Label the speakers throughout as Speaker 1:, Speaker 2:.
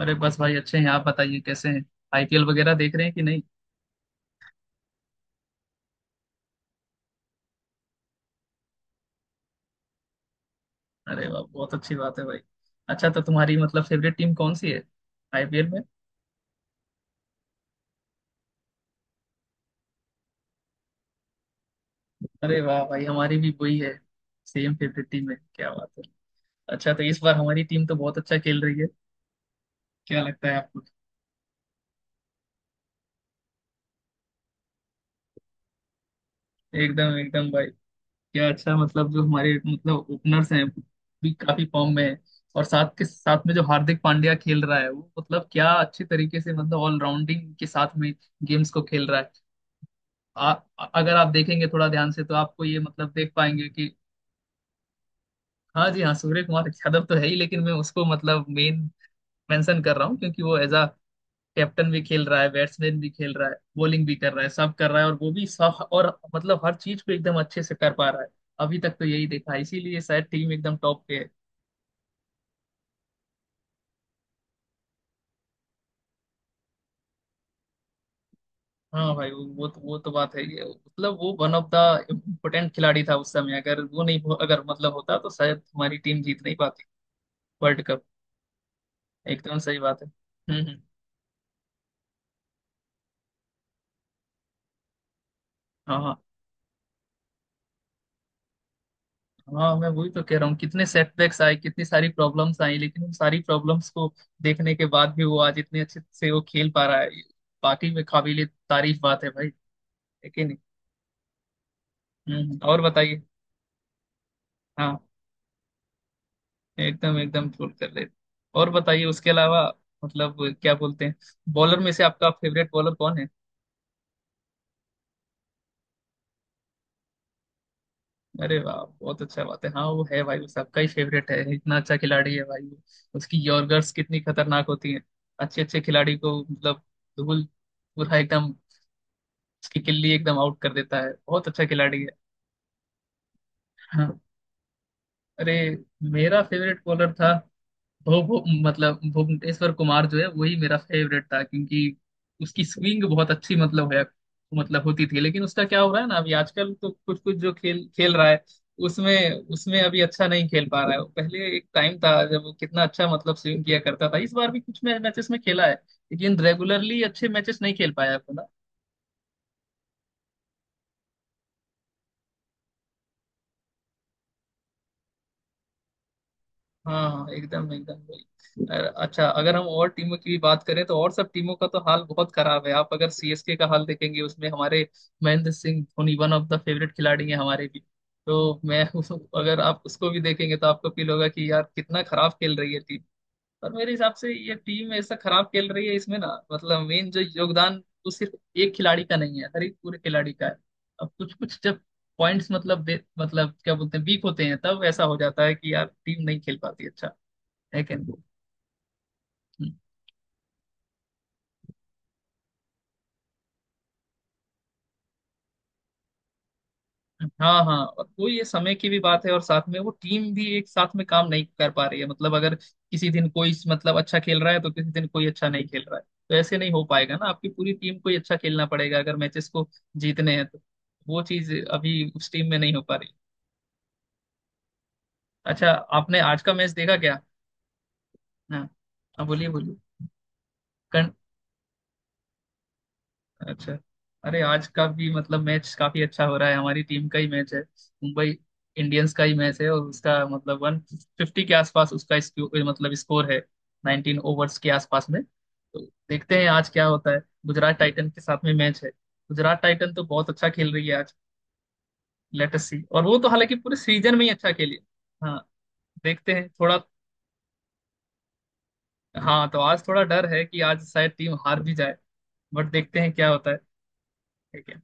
Speaker 1: अरे, बस भाई अच्छे हैं। आप बताइए कैसे हैं। आईपीएल वगैरह देख रहे हैं कि नहीं। अरे वाह, बहुत अच्छी बात है भाई। अच्छा तो तुम्हारी मतलब फेवरेट टीम कौन सी है आईपीएल में? अरे वाह भाई, हमारी भी वही है। सेम फेवरेट टीम है, क्या बात है। अच्छा तो इस बार हमारी टीम तो बहुत अच्छा खेल रही है, क्या लगता है आपको? एकदम एकदम भाई। क्या अच्छा, मतलब जो हमारे मतलब ओपनर्स हैं भी काफी फॉर्म में है। और साथ के साथ में जो हार्दिक पांड्या खेल रहा है वो मतलब क्या अच्छे तरीके से मतलब ऑलराउंडिंग के साथ में गेम्स को खेल रहा है। आ, अगर आप देखेंगे थोड़ा ध्यान से तो आपको ये मतलब देख पाएंगे कि। हाँ जी हाँ सूर्य कुमार यादव तो है ही लेकिन मैं उसको मतलब मेन मेंशन कर रहा हूँ क्योंकि वो एज अ कैप्टन भी खेल रहा है, बैट्समैन भी खेल रहा है, बॉलिंग भी कर रहा है, सब कर रहा है। और वो भी सब और मतलब हर चीज को एकदम अच्छे से कर पा रहा है। अभी तक तो यही देखा है, इसीलिए शायद टीम एकदम टॉप पे है। हाँ भाई वो तो वो तो बात है। ये मतलब वो वन ऑफ द इम्पोर्टेंट खिलाड़ी था उस समय, अगर वो नहीं हो- अगर मतलब होता तो शायद हमारी टीम जीत नहीं पाती वर्ल्ड कप। एकदम सही बात है। हम्म। हाँ हाँ। हाँ मैं वही तो कह रहा हूँ, कितने सेटबैक्स आए, कितनी सारी प्रॉब्लम्स आई। लेकिन उन सारी प्रॉब्लम्स को देखने के बाद भी वो आज इतने अच्छे से वो खेल पा रहा है। बाकी में काबिले तारीफ बात है भाई, है कि नहीं। हम्म। और बताइए। हाँ, एकदम एकदम फुल कर ले। और बताइए उसके अलावा मतलब क्या बोलते हैं, बॉलर में से आपका फेवरेट बॉलर कौन है? अरे वाह, बहुत अच्छा बात है। हाँ वो है भाई, वो सबका ही फेवरेट है, इतना अच्छा खिलाड़ी है भाई वो। उसकी यॉर्कर्स कितनी खतरनाक होती है। अच्छे अच्छे खिलाड़ी को मतलब धूल, पूरा एकदम उसकी किल्ली एकदम आउट कर देता है। बहुत अच्छा खिलाड़ी है। हाँ। अरे, मेरा फेवरेट बॉलर था। भुव भुव- मतलब भुवनेश्वर कुमार जो है वही मेरा फेवरेट था क्योंकि उसकी स्विंग बहुत अच्छी मतलब है, मतलब होती थी। लेकिन उसका क्या हो रहा है ना, अभी आजकल तो कुछ कुछ जो खेल खेल रहा है। उसमें उसमें अभी अच्छा नहीं खेल पा रहा है। पहले एक टाइम था जब वो कितना अच्छा मतलब स्विंग किया करता था। इस बार भी कुछ मैचेस में खेला है, लेकिन रेगुलरली अच्छे मैचेस नहीं खेल पाया है। हाँ हाँ एकदम एकदम वही। अच्छा अगर हम और टीमों की भी बात करें तो और सब टीमों का तो हाल बहुत खराब है। आप अगर सीएसके का हाल देखेंगे उसमें हमारे Mahendra Singh Dhoni one of the favourite खिलाड़ी हैं हमारे भी। तो मैं अगर आप उसको भी देखेंगे तो आपको फील होगा कि यार कितना खराब खेल रही है टीम। पर मेरे हिसाब से ये टीम ऐसा खराब खेल रही है, इसमें ना मतलब मेन जो योगदान वो सिर्फ एक खिलाड़ी का नहीं है, हर एक पूरे खिलाड़ी का है। अब कुछ कुछ जब पॉइंट्स मतलब मतलब क्या बोलते हैं वीक होते हैं तब ऐसा हो जाता है कि यार टीम नहीं खेल पाती अच्छा, है कि नहीं? हम्म, हाँ हाँ और वो ये समय की भी बात है, और साथ में वो टीम भी एक साथ में काम नहीं कर पा रही है। मतलब अगर किसी दिन कोई मतलब अच्छा खेल रहा है तो किसी दिन कोई अच्छा नहीं खेल रहा है। तो ऐसे नहीं हो पाएगा ना, आपकी पूरी टीम को ही अच्छा खेलना पड़ेगा अगर मैचेस को जीतने हैं तो। वो चीज अभी उस टीम में नहीं हो पा रही। अच्छा, आपने आज का मैच देखा क्या? हाँ हाँ, बोलिए बोलिए। अच्छा। अरे, आज का भी मतलब मैच काफी अच्छा हो रहा है, हमारी टीम का ही मैच है। मुंबई इंडियंस का ही मैच है, और उसका मतलब 150 के आसपास उसका मतलब स्कोर है। 19 ओवर्स के आसपास में तो देखते हैं आज क्या होता है। गुजरात टाइटन के साथ में मैच है। गुजरात टाइटन तो बहुत अच्छा खेल रही है आज, लेटेस्ट सी। और वो तो हालांकि पूरे सीजन में ही अच्छा खेली है। हाँ देखते हैं थोड़ा। हाँ, तो आज थोड़ा डर है कि आज शायद टीम हार भी जाए, बट देखते हैं क्या होता है। ठीक है।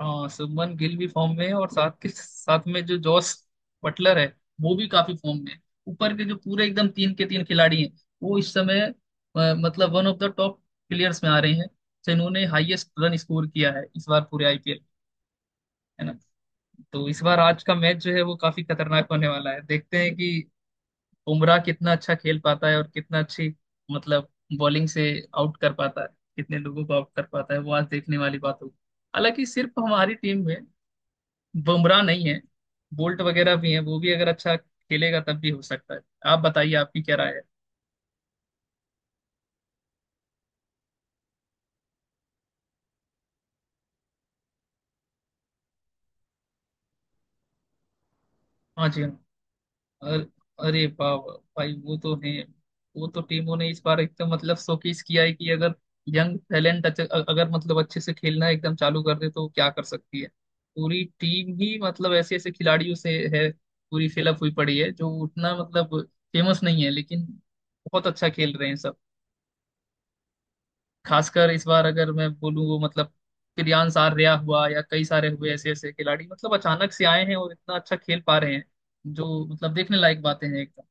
Speaker 1: हाँ शुभमन गिल भी फॉर्म में है, और साथ के साथ में जो जॉस बटलर है वो भी काफी फॉर्म में है। ऊपर के जो पूरे एकदम तीन के तीन खिलाड़ी हैं वो इस समय मतलब one of the top players में आ रहे हैं। तो इन्होंने हाईएस्ट रन स्कोर किया है इस बार पूरे आईपीएल, है ना। तो इस बार आज का मैच जो है वो काफी खतरनाक होने वाला है। देखते हैं कि बुमराह कितना अच्छा खेल पाता है और कितना अच्छी मतलब बॉलिंग से आउट कर पाता है, कितने लोगों को आउट कर पाता है। वो आज देखने वाली बात होगी। हालांकि सिर्फ हमारी टीम में बुमराह नहीं है, बोल्ट वगैरह भी है, वो भी अगर अच्छा खेलेगा तब भी हो सकता है। आप बताइए आपकी क्या राय है? हाँ जी हाँ। अर- अरे वाह वाह, भाई वो तो है। वो तो टीमों ने इस बार एकदम मतलब शोकेस किया है कि अगर यंग टैलेंट अगर मतलब अच्छे से खेलना एकदम चालू कर दे तो वो क्या कर सकती है। पूरी टीम ही मतलब ऐसे ऐसे खिलाड़ियों से है, पूरी फिलअप हुई पड़ी है जो उतना मतलब फेमस नहीं है लेकिन बहुत अच्छा खेल रहे हैं सब। खासकर इस बार अगर मैं बोलूँ मतलब प्रियांश आर्या हुआ या कई सारे हुए ऐसे ऐसे खिलाड़ी मतलब अचानक से आए हैं और इतना अच्छा खेल पा रहे हैं, जो मतलब देखने लायक बातें हैं एकदम।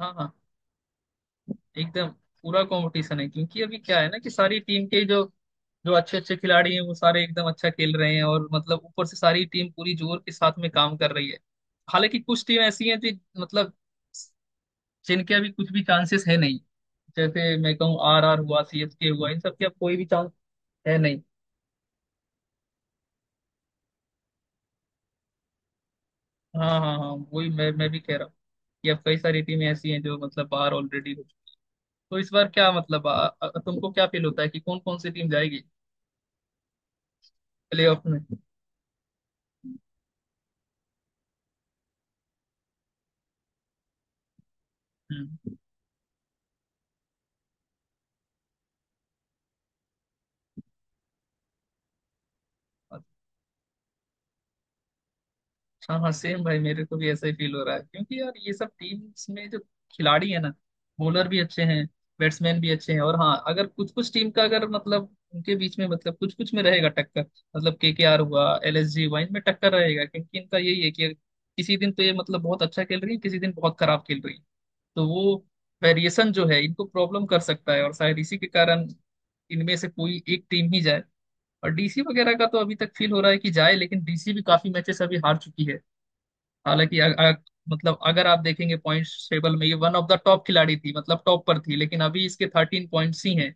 Speaker 1: हाँ हाँ एकदम, पूरा कंपटीशन है क्योंकि अभी क्या है ना कि सारी टीम के जो जो अच्छे अच्छे खिलाड़ी हैं वो सारे एकदम अच्छा खेल रहे हैं, और मतलब ऊपर से सारी टीम पूरी जोर के साथ में काम कर रही है। हालांकि कुछ टीम ऐसी हैं जो मतलब जिनके अभी कुछ भी चांसेस है नहीं। जैसे मैं कहूँ आर आर हुआ सी एस के हुआ, इन सब के अब कोई भी चांस है नहीं। हाँ हाँ हाँ वही मैं भी कह रहा हूँ कि अब कई सारी टीमें ऐसी हैं जो मतलब बाहर ऑलरेडी हो चुकी। तो इस बार क्या मतलब आ, आ, तुमको क्या फील होता है कि कौन कौन सी टीम जाएगी प्लेऑफ में? हम्म। अच्छा। हाँ सेम भाई मेरे को भी ऐसा ही फील हो रहा है क्योंकि यार ये सब टीम्स में जो खिलाड़ी है ना, बॉलर भी अच्छे हैं, बैट्समैन भी अच्छे हैं। और हाँ अगर कुछ कुछ टीम का अगर मतलब उनके बीच में मतलब कुछ कुछ में रहेगा टक्कर, मतलब केकेआर हुआ एलएसजी हुआ इनमें टक्कर रहेगा क्योंकि इनका यही है कि किसी दिन तो ये मतलब बहुत अच्छा खेल रही है, किसी दिन बहुत खराब खेल रही है। तो वो वेरिएशन जो है इनको प्रॉब्लम कर सकता है और शायद इसी के कारण इनमें से कोई एक टीम ही जाए। और डीसी वगैरह का तो अभी तक फील हो रहा है कि जाए, लेकिन डीसी भी काफी मैचेस अभी हार चुकी है। हालांकि मतलब अगर आप देखेंगे पॉइंट्स टेबल में, ये वन ऑफ द टॉप खिलाड़ी थी मतलब टॉप पर थी, लेकिन अभी इसके 13 पॉइंट्स ही हैं।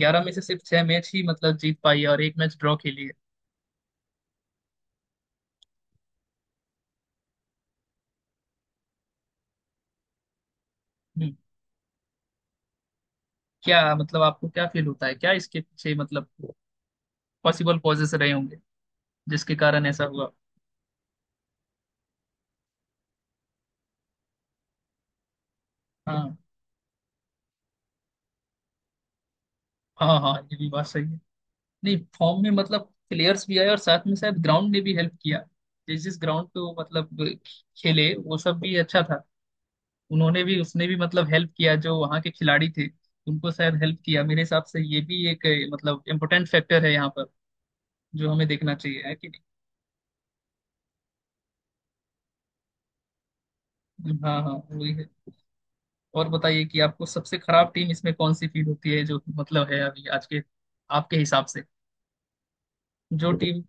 Speaker 1: 11 में से सिर्फ छह मैच ही मतलब जीत पाई है और एक मैच ड्रॉ खेली है। हम्म, क्या मतलब आपको क्या फील होता है क्या इसके पीछे मतलब पॉसिबल कॉजेस रहे होंगे जिसके कारण ऐसा हुआ? हाँ हाँ हाँ, ये भी बात सही है। नहीं फॉर्म में मतलब प्लेयर्स भी आए और साथ में शायद ग्राउंड ने भी हेल्प किया, जिस जिस ग्राउंड पे वो मतलब खेले वो सब भी अच्छा था। उन्होंने भी उसने भी मतलब हेल्प किया जो वहाँ के खिलाड़ी थे, उनको शायद हेल्प किया। मेरे हिसाब से ये भी एक मतलब इम्पोर्टेंट फैक्टर है यहाँ पर जो हमें देखना चाहिए है कि नहीं। हाँ हाँ वही है। और बताइए कि आपको सबसे खराब टीम इसमें कौन सी फील होती है जो मतलब है अभी आज के आपके हिसाब से जो टीम।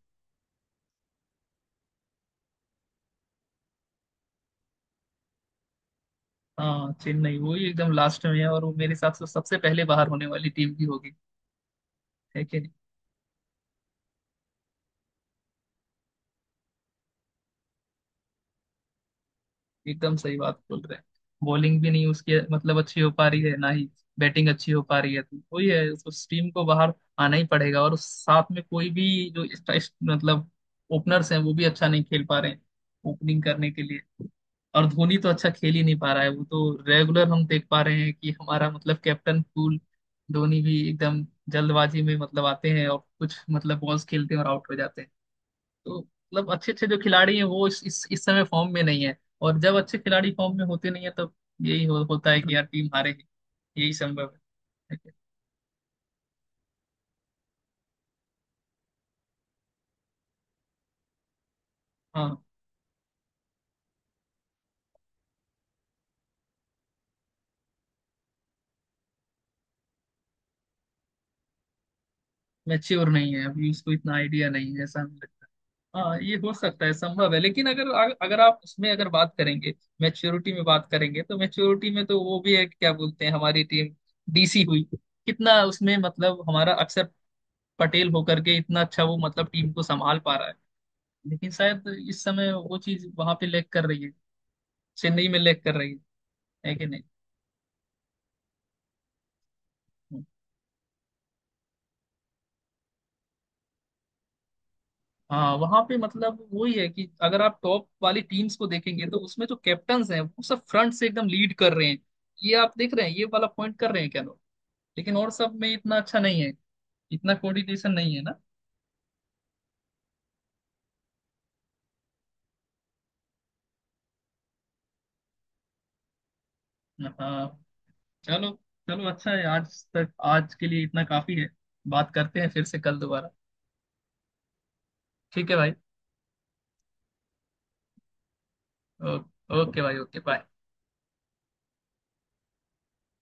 Speaker 1: हाँ चेन्नई वही एकदम लास्ट में है, और वो मेरे हिसाब से सबसे पहले बाहर होने वाली टीम भी होगी, है कि नहीं। एकदम सही बात बोल रहे हैं। बॉलिंग भी नहीं उसकी मतलब अच्छी हो पा रही है, ना ही बैटिंग अच्छी हो पा रही है। तो वही है, उस टीम को बाहर आना ही पड़ेगा। और साथ में कोई भी जो मतलब ओपनर्स हैं वो भी अच्छा नहीं खेल पा रहे हैं ओपनिंग करने के लिए। और धोनी तो अच्छा खेल ही नहीं पा रहा है, वो तो रेगुलर हम देख पा रहे हैं कि हमारा मतलब कैप्टन कूल धोनी भी एकदम जल्दबाजी में मतलब आते हैं और कुछ मतलब बॉल्स खेलते हैं और आउट हो जाते हैं। तो मतलब अच्छे अच्छे जो खिलाड़ी हैं वो इस समय फॉर्म में नहीं है। और जब अच्छे खिलाड़ी फॉर्म में होते नहीं है तब यही होता है कि यार टीम हारेगी, यही संभव है। हाँ मैच्योर नहीं है, अभी उसको इतना आइडिया नहीं है, ऐसा हमें लगता है। हाँ ये हो सकता है, संभव है लेकिन अगर अगर आप उसमें अगर बात करेंगे, मैच्योरिटी में बात करेंगे तो मैच्योरिटी में तो वो भी है कि क्या बोलते हैं, हमारी टीम डीसी हुई, कितना उसमें मतलब हमारा अक्षर पटेल होकर के इतना अच्छा वो मतलब टीम को संभाल पा रहा है। लेकिन शायद इस समय वो चीज वहां पे लैग कर रही है, चेन्नई में लैग कर रही है कि नहीं। हाँ वहां पे मतलब वही है कि अगर आप टॉप वाली टीम्स को देखेंगे तो उसमें जो कैप्टन्स हैं वो सब फ्रंट से एकदम लीड कर रहे हैं, ये आप देख रहे हैं ये वाला पॉइंट कर रहे हैं क्या लोग। लेकिन और सब में इतना अच्छा नहीं है, इतना कोऑर्डिनेशन नहीं है ना। हाँ चलो चलो, अच्छा है आज तक आज के लिए इतना काफी है। बात करते हैं फिर से कल दोबारा, ठीक है भाई। ओ, ओके भाई, ओके बाय।